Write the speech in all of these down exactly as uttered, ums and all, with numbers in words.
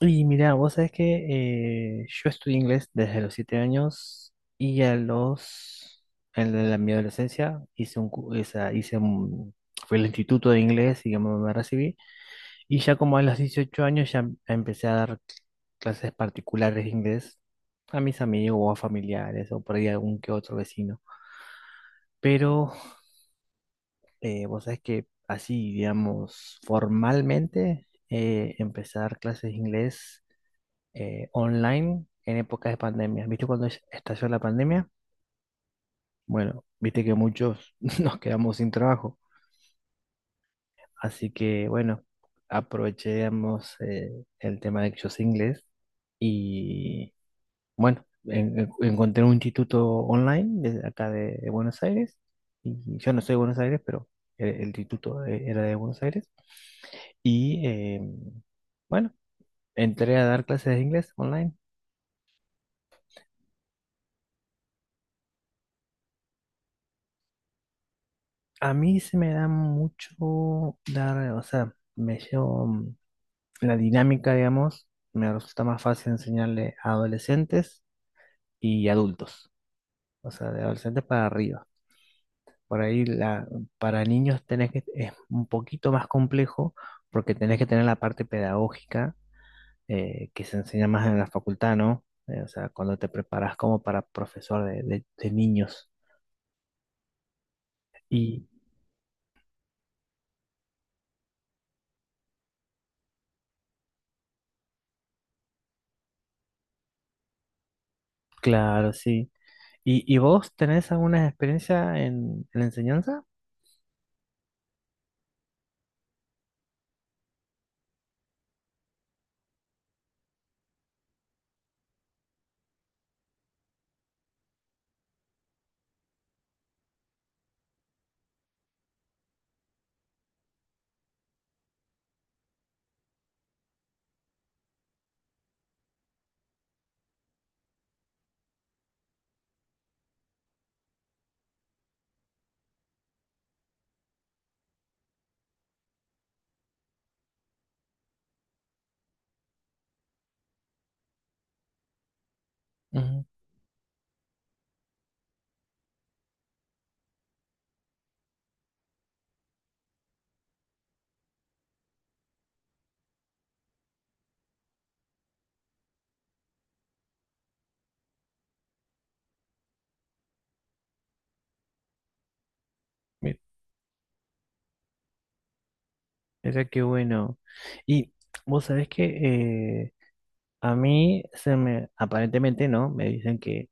Y mira, vos sabés que eh, yo estudié inglés desde los siete años y a los, en la, en mi adolescencia hice un, cu- esa- hice un- fui al instituto de inglés y me, me recibí. Y ya como a los dieciocho años ya em- empecé a dar clases particulares de inglés a mis amigos o a familiares o por ahí a algún que otro vecino. Pero eh, vos sabés que así, digamos, formalmente, eh, empecé a dar clases de inglés eh, online en épocas de pandemia. ¿Viste cuando es- estalló la pandemia? Bueno, viste que muchos nos quedamos sin trabajo. Así que, bueno, aprovechemos, eh, el tema de que yo sé inglés y, bueno, en- en- encontré un instituto online de acá de, de Buenos Aires. Y yo no soy de Buenos Aires, pero el, el instituto, eh, era de Buenos Aires. Y, eh, bueno, entré a dar clases de inglés online. A mí se me da mucho dar, o sea, me llevo mm, la dinámica, digamos, me resulta más fácil enseñarle a adolescentes y adultos, o sea, de adolescentes para arriba. Por ahí la, para niños tenés que, es un poquito más complejo porque tenés que tener la parte pedagógica, eh, que se enseña más en la facultad, ¿no? Eh, o sea, cuando te preparas como para profesor de, de de niños. Y claro, sí. ¿Y, y vos tenés alguna experiencia en, en la enseñanza? Ujú. Mi- Mira qué bueno. Y vos sabés que, eh, a mí se me, aparentemente, ¿no? Me dicen que,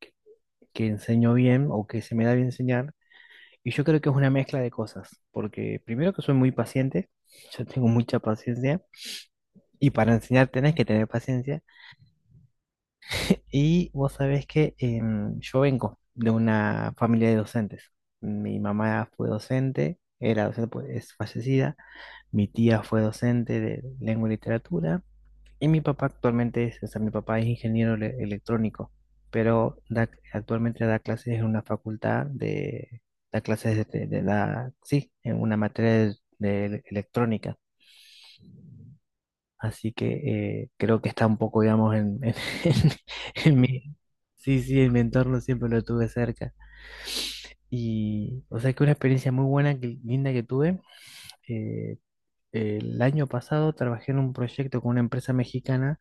que, que enseño bien o que se me da bien enseñar. Y yo creo que es una mezcla de cosas, porque primero que soy muy paciente, yo tengo mucha paciencia, y para enseñar tenés que tener paciencia. Y vos sabés que, em, yo vengo de una familia de docentes. Mi mamá fue docente, era docente, pues, es fallecida. Mi tía fue docente de lengua y literatura. Y mi papá actualmente es, o sea, mi papá es ingeniero ele- electrónico, pero da- actualmente da clases en una facultad de, da clases de, de- de la, sí, en una materia de, de electrónica. Así que, eh, creo que está un poco, digamos, en, en, en- en mi... Sí, sí, en mi entorno siempre lo tuve cerca. Y, o sea, que una experiencia muy buena, que, linda que tuve. eh, el año pasado trabajé en un proyecto con una empresa mexicana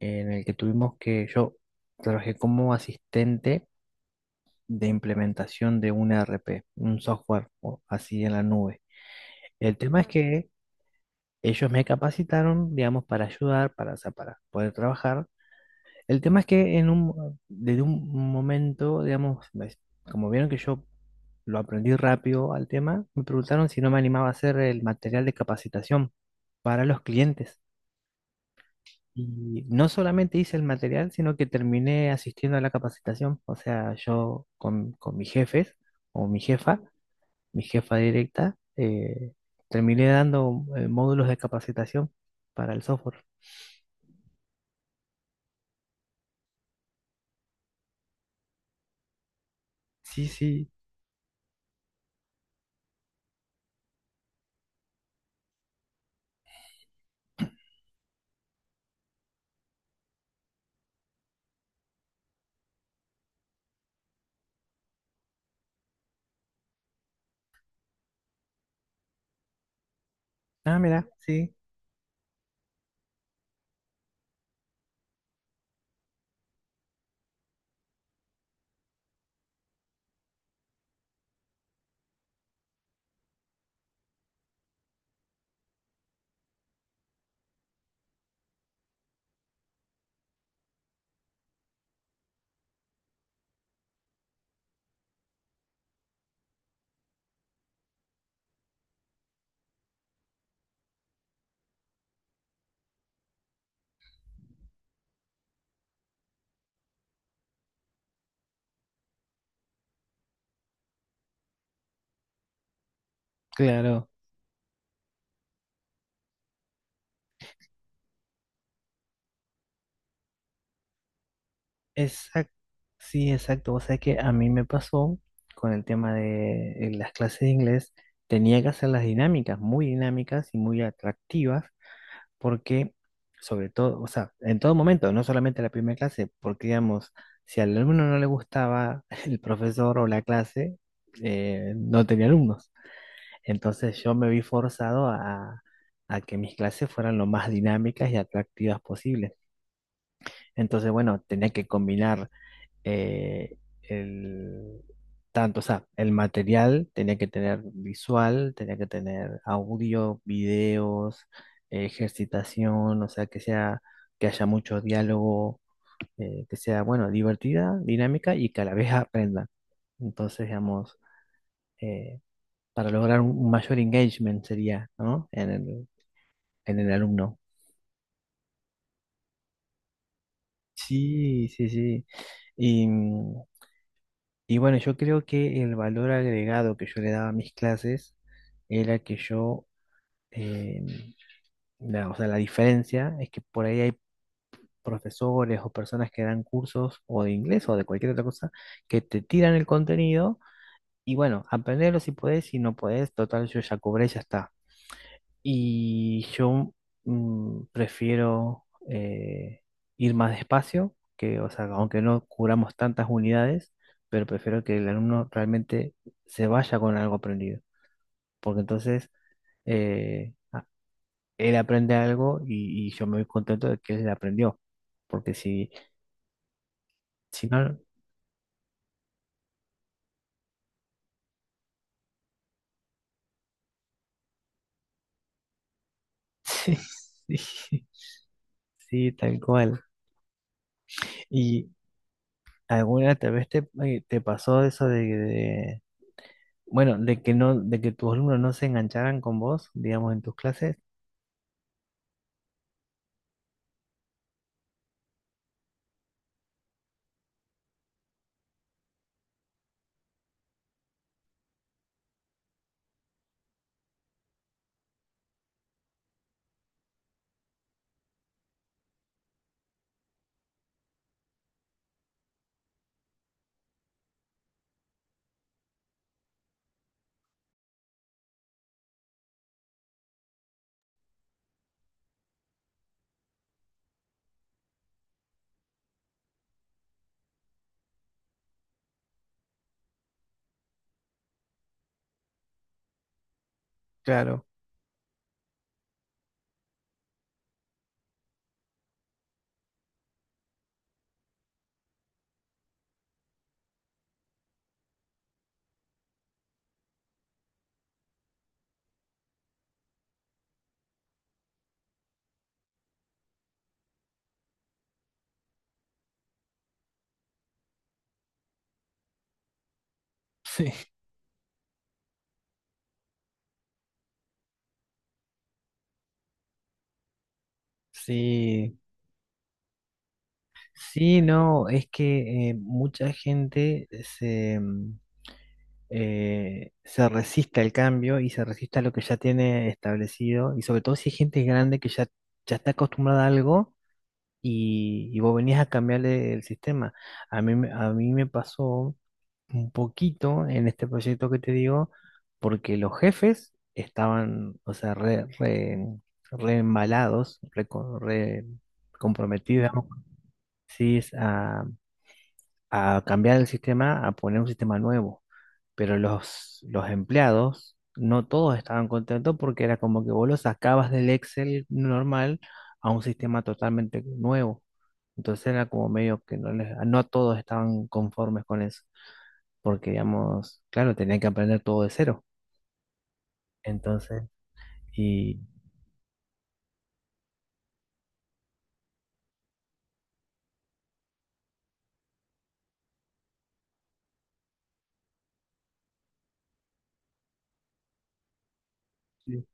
en el que tuvimos que, yo trabajé como asistente de implementación de un E R P, un software o así en la nube. El tema es que ellos me capacitaron, digamos, para ayudar, para, o sea, para poder trabajar. El tema es que en un, desde un momento, digamos, ves, como vieron que yo lo aprendí rápido al tema, me preguntaron si no me animaba a hacer el material de capacitación para los clientes. Y no solamente hice el material, sino que terminé asistiendo a la capacitación. O sea, yo con, con mis jefes o mi jefa, mi jefa directa, eh, terminé dando, eh, módulos de capacitación para el software. Sí, sí. Ah, mira, sí, claro. Exacto, sí, exacto. O sea que a mí me pasó con el tema de en las clases de inglés, tenía que hacer las dinámicas, muy dinámicas y muy atractivas, porque sobre todo, o sea, en todo momento, no solamente la primera clase, porque digamos, si al alumno no le gustaba el profesor o la clase, eh, no tenía alumnos. Entonces yo me vi forzado a, a que mis clases fueran lo más dinámicas y atractivas posibles. Entonces, bueno, tenía que combinar, eh, el, tanto, o sea, el material tenía que tener visual, tenía que tener audio, videos, eh, ejercitación, o sea, que sea, que haya mucho diálogo, eh, que sea, bueno, divertida, dinámica y que a la vez aprenda. Entonces, digamos, eh, para lograr un un mayor engagement sería, ¿no? En el, en el alumno. Sí, sí, sí. Y, mm, y bueno, yo creo que el valor agregado que yo le daba a mis clases era que yo, eh, la- o sea, la diferencia es que por ahí hay profesores o personas que dan cursos o de inglés o de cualquier otra cosa que te tiran el contenido y bueno, aprenderlo si podés, si no podés, total, yo ya cobré, ya está. Y yo, mm, prefiero, eh, ir más despacio, que, o sea, aunque no cubramos tantas unidades, pero prefiero que el alumno realmente se vaya con algo aprendido, porque entonces, eh, a- él aprende algo y, y yo me voy contento de que él aprendió, porque si, si no, sí, sí, sí, tal cual. ¿Y alguna tal vez te, eh, te pasó eso de, bueno, de que no, de que tus alumnos no se engancharan con vos, digamos, en tus clases? Claro, sí, sí, sí, no, es que, eh, mucha gente se, mm, eh, se resiste al cambio y se resiste a lo que ya tiene establecido, y sobre todo si hay gente grande que ya, ya está acostumbrada a algo y, y vos venías a cambiarle el sistema. A mí, me- a mí me pasó un poquito en este proyecto que te digo, porque los jefes estaban, o sea, re, re, re embalados, re, co- re comprometidos, digamos, sí, es a, a cambiar el sistema, a poner un sistema nuevo. Pero los, los empleados, no todos estaban contentos porque era como que vos los sacabas del Excel normal a un sistema totalmente nuevo. Entonces era como medio que no, les- no todos estaban conformes con eso porque, digamos, claro, tenían que aprender todo de cero. Entonces, y sí,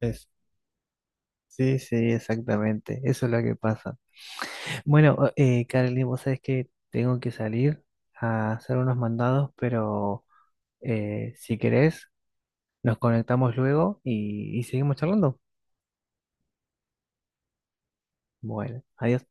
es- sí, sí, exactamente, eso es lo que pasa. Bueno, o- eh, Carly, vos sabés que tengo que salir a hacer unos mandados, pero eh, si querés, nos conectamos luego y, y seguimos charlando. Bueno, adiós.